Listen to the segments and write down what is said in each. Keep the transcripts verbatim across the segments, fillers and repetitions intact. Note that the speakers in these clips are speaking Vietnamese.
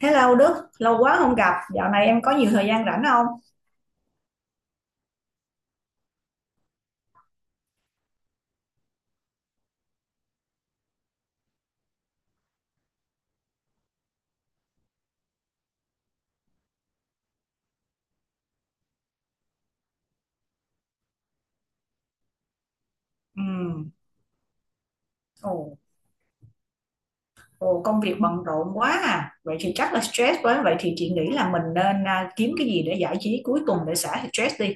Hello Đức, lâu quá không gặp, dạo này em có nhiều thời gian rảnh không? Ừ, ồ, ồ, công việc bận rộn quá à, vậy thì chắc là stress quá, vậy thì chị nghĩ là mình nên à, kiếm cái gì để giải trí cuối tuần để xả stress đi.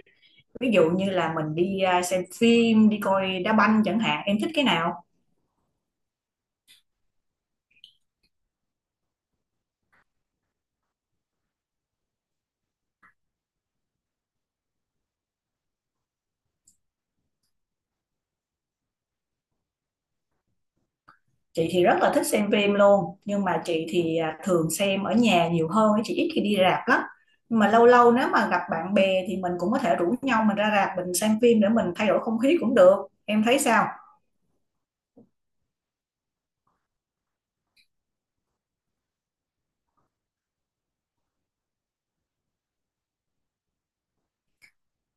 Ví dụ như là mình đi à, xem phim, đi coi đá banh chẳng hạn, em thích cái nào? Chị thì rất là thích xem phim luôn, nhưng mà chị thì à, thường xem ở nhà nhiều hơn, chị ít khi đi rạp lắm. Nhưng mà lâu lâu nếu mà gặp bạn bè thì mình cũng có thể rủ nhau mình ra rạp mình xem phim để mình thay đổi không khí cũng được. Em thấy sao?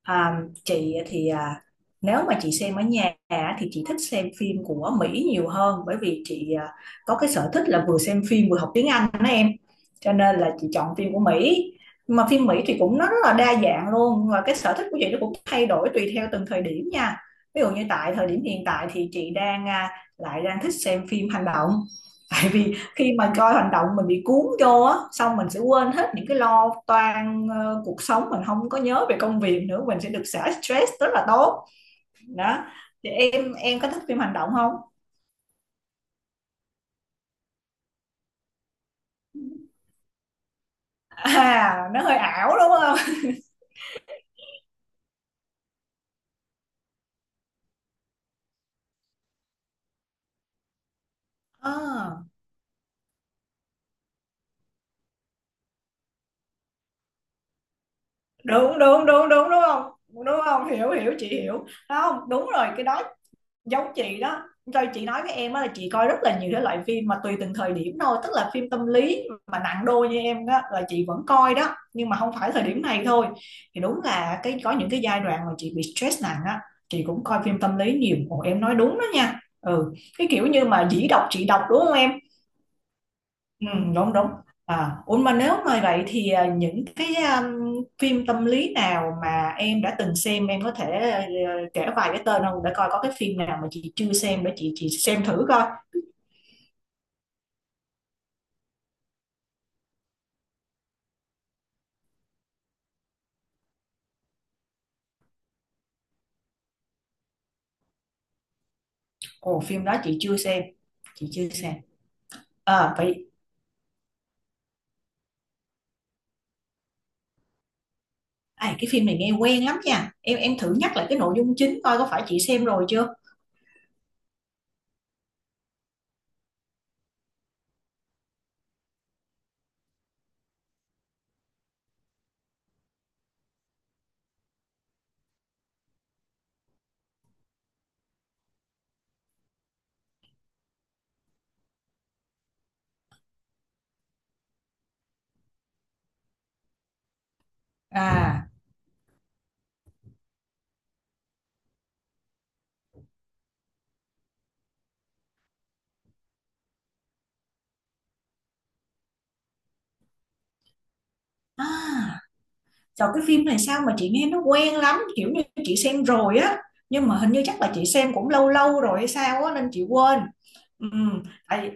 À, chị thì à, nếu mà chị xem ở nhà á, thì chị thích xem phim của Mỹ nhiều hơn, bởi vì chị à, có cái sở thích là vừa xem phim vừa học tiếng Anh đó em, cho nên là chị chọn phim của Mỹ. Mà phim Mỹ thì cũng nó rất là đa dạng luôn, và cái sở thích của chị nó cũng thay đổi tùy theo từng thời điểm nha. Ví dụ như tại thời điểm hiện tại thì chị đang à, lại đang thích xem phim hành động. Tại vì khi mà coi hành động mình bị cuốn vô á, xong mình sẽ quên hết những cái lo toan ờ, cuộc sống, mình không có nhớ về công việc nữa, mình sẽ được xả stress rất là tốt. Đó, thì em em có thích phim hành động không? À, nó hơi ảo đúng không? À, đúng đúng đúng đúng, đúng không? Đúng không, hiểu hiểu chị hiểu không, đúng rồi cái đó. Giống chị đó. Rồi chị nói với em á là chị coi rất là nhiều cái loại phim mà tùy từng thời điểm thôi, tức là phim tâm lý mà nặng đô như em đó là chị vẫn coi đó, nhưng mà không phải thời điểm này thôi. Thì đúng là cái có những cái giai đoạn mà chị bị stress nặng á, chị cũng coi phim tâm lý nhiều. Ồ, em nói đúng đó nha. Ừ, cái kiểu như mà dĩ đọc chị đọc đúng không em? Ừ, đúng đúng. À, ủa mà nếu mà vậy thì à, những cái um, phim tâm lý nào mà em đã từng xem em có thể ờ, kể vài cái tên không, để coi có cái phim nào mà chị chưa xem để chị chị xem thử coi. Ồ, phim đó chị chưa xem, chị chưa xem. À vậy, à, cái phim này nghe quen lắm nha, em em thử nhắc lại cái nội dung chính coi có phải chị xem rồi chưa. à à Sao cái phim này, sao mà chị nghe nó quen lắm, kiểu như chị xem rồi á, nhưng mà hình như chắc là chị xem cũng lâu lâu rồi hay sao á nên chị quên. Ừ, tại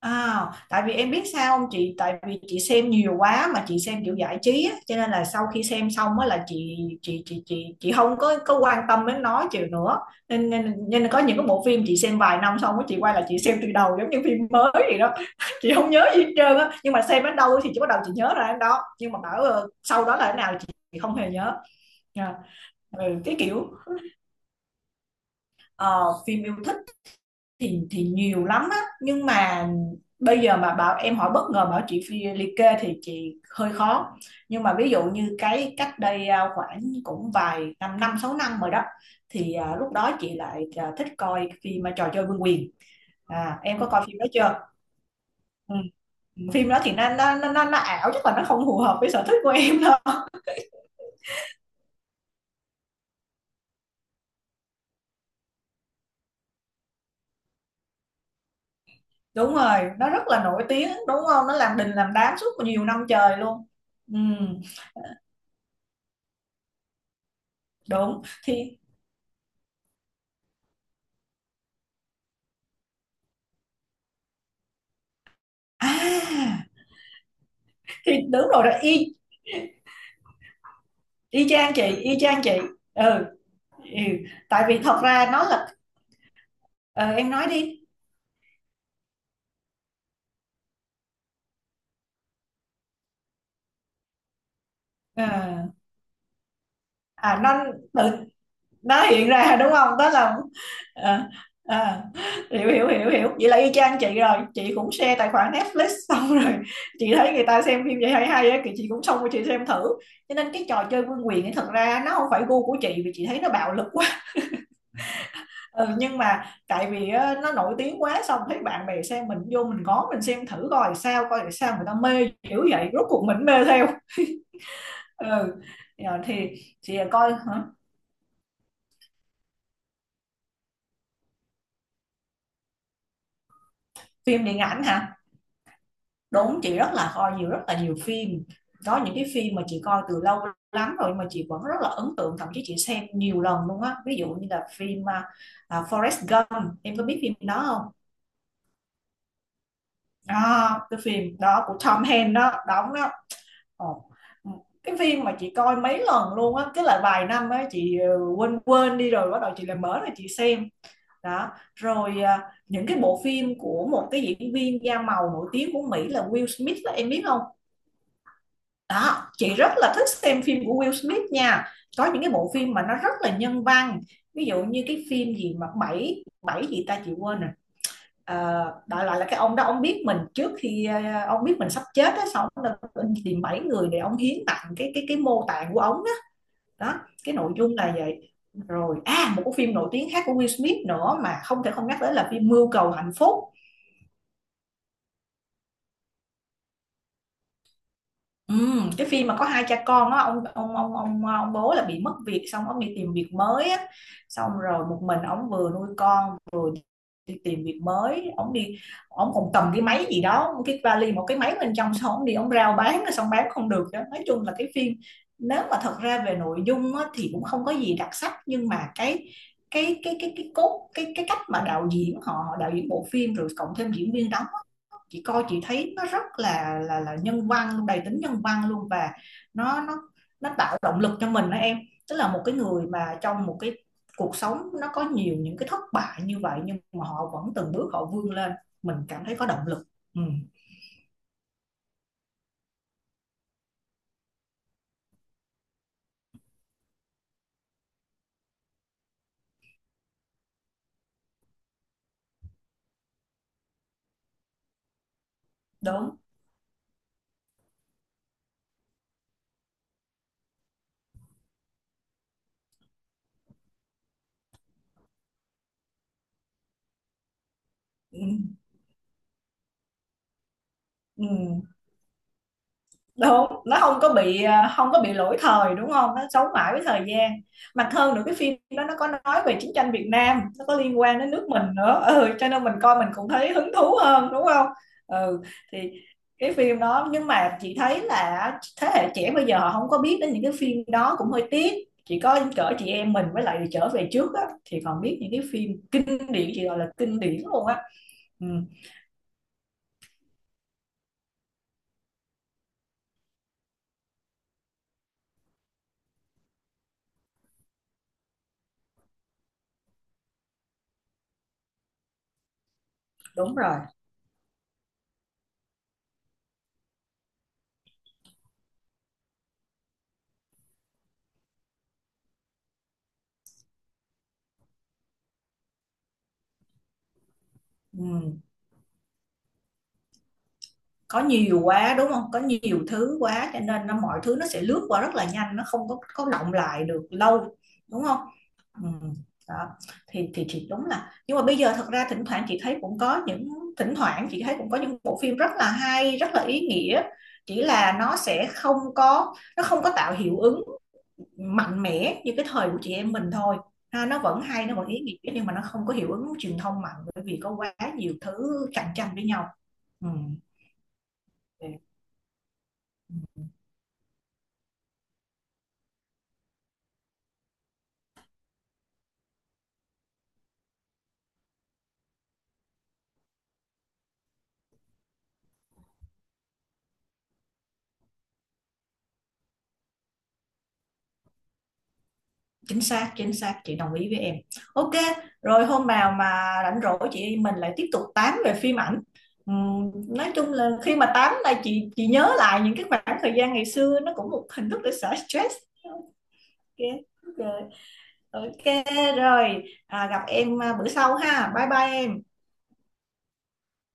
à, tại vì em biết sao không chị, tại vì chị xem nhiều quá, mà chị xem kiểu giải trí á, cho nên là sau khi xem xong á là chị chị chị chị chị không có có quan tâm đến nó chịu nữa. Nên, nên nên là có những cái bộ phim chị xem vài năm xong á, chị quay lại chị xem từ đầu giống như phim mới vậy đó chị không nhớ gì hết trơn á, nhưng mà xem đến đâu thì chị bắt đầu chị nhớ ra đến đó, nhưng mà bảo ờ, sau đó là thế nào chị, chị không hề nhớ. Dạ. Ừ, cái kiểu ờ, phim yêu thích thì thì nhiều lắm á, nhưng mà bây giờ mà bảo em hỏi bất ngờ bảo chị phi liệt kê thì chị hơi khó. Nhưng mà ví dụ như cái cách đây à, khoảng cũng vài năm, năm sáu năm rồi đó, thì à, lúc đó chị lại à, thích coi phim à, trò chơi vương quyền. À, em có coi phim đó chưa? Ừ. Phim đó thì nó nó nó, nó, nó ảo, chứ còn nó không phù hợp với sở thích của em đâu. Đúng rồi, nó rất là nổi tiếng đúng không, nó làm đình làm đám suốt nhiều năm trời luôn. Ừ, đúng, thì à thì đúng rồi đó, y y chang chị, y chang chị. Ừ, ừ. Tại vì thật ra nó là ờ, em nói đi. Ờ, à nó tự nó hiện ra đúng không, đó là ờ, ờ, hiểu hiểu hiểu hiểu vậy là y chang chị rồi. Chị cũng share tài khoản Netflix xong rồi chị thấy người ta xem phim vậy hay hay á thì chị cũng xông qua chị xem thử. Cho nên cái trò chơi vương quyền ấy thật ra nó không phải gu của chị, vì chị thấy nó bạo lực quá. Ừ, nhưng mà tại vì á, nó nổi tiếng quá, xong thấy bạn bè xem mình vô mình ngó, mình xem thử coi sao, coi là sao người ta mê kiểu vậy, rốt cuộc mình mê theo. Ừ. Rồi thì chị coi hả? Phim điện ảnh hả? Đúng, chị rất là coi nhiều, rất là nhiều phim. Có những cái phim mà chị coi từ lâu lắm rồi mà chị vẫn rất là ấn tượng, thậm chí chị xem nhiều lần luôn á. Ví dụ như là phim à, à, Forrest Gump, em có biết phim đó không? À, cái phim đó của Tom Hanks đó đóng đó. Ồ. Cái phim mà chị coi mấy lần luôn á, cái là vài năm á chị ờ, quên quên đi rồi bắt đầu chị lại mở rồi chị xem. Đó. Rồi à, những cái bộ phim của một cái diễn viên da màu nổi tiếng của Mỹ là Will Smith đó, em biết không? Đó, chị rất là thích xem phim của Will Smith nha. Có những cái bộ phim mà nó rất là nhân văn. Ví dụ như cái phim gì mà bảy bảy gì ta chị quên rồi. Ờ, đại loại là cái ông đó, ông biết mình trước khi ờ, ông biết mình sắp chết á, xong ông đã tìm bảy người để ông hiến tặng cái cái cái mô tạng của ông đó. Đó, cái nội dung là vậy. Rồi à một cái phim nổi tiếng khác của Will Smith nữa mà không thể không nhắc tới là phim Mưu cầu hạnh phúc. Ừm, cái phim mà có hai cha con á, ông ông ông ông ông bố là bị mất việc, xong ông đi tìm việc mới á, xong rồi một mình ông vừa nuôi con, đi tìm việc mới, ông đi, ông còn cầm cái máy gì đó, cái vali một cái máy bên trong, xong ông đi ông rao bán, xong bán không được. Đó, nói chung là cái phim, nếu mà thật ra về nội dung á, thì cũng không có gì đặc sắc, nhưng mà cái cái cái cái cái cốt cái cái cách mà đạo diễn họ họ đạo diễn bộ phim, rồi cộng thêm diễn viên đóng á, chị coi chị thấy nó rất là là là nhân văn, đầy tính nhân văn luôn. Và nó nó nó tạo động lực cho mình đó em. Tức là một cái người mà trong một cái cuộc sống nó có nhiều những cái thất bại như vậy, nhưng mà họ vẫn từng bước họ vươn lên, mình cảm thấy có động lực. Ừ, đúng. Ừ, ừ. Đúng, nó không có bị à, không có bị lỗi thời đúng không, nó sống mãi với thời gian. Mà hơn nữa cái phim đó nó có nói về chiến tranh Việt Nam, nó có liên quan đến nước mình nữa. Ừ, cho nên mình coi mình cũng thấy hứng thú hơn đúng không. Ừ. Thì cái phim đó, nhưng mà chị thấy là thế hệ trẻ bây giờ họ không có biết đến những cái phim đó cũng hơi tiếc. Chỉ có cỡ chị em mình với lại trở về trước á, thì còn biết những cái phim kinh điển, chị gọi là kinh điển luôn á. Ừ, đúng rồi. Ừ. Có nhiều quá đúng không, có nhiều thứ quá cho nên nó mọi thứ nó sẽ lướt qua rất là nhanh, nó không có có đọng lại được lâu đúng không. Ừ. Đó, thì thì thì đúng là, nhưng mà bây giờ thật ra thỉnh thoảng chị thấy cũng có những, thỉnh thoảng chị thấy cũng có những bộ phim rất là hay, rất là ý nghĩa, chỉ là nó sẽ không có, nó không có tạo hiệu ứng mạnh mẽ như cái thời của chị em mình thôi. Ha, nó vẫn hay, nó vẫn ý nghĩa, nhưng mà nó không có hiệu ứng truyền thông mạnh bởi vì có quá nhiều thứ cạnh tranh với nhau. Ừ. Chính xác, chính xác chị đồng ý với em. ô kê. Rồi hôm nào mà rảnh rỗi chị mình lại tiếp tục tám về phim ảnh. Ừm, nói chung là khi mà tám là chị chị nhớ lại những cái khoảng thời gian ngày xưa, nó cũng một hình thức để xả stress. OK. Rồi. ô kê. Rồi à, gặp em à, bữa sau ha, bye bye em.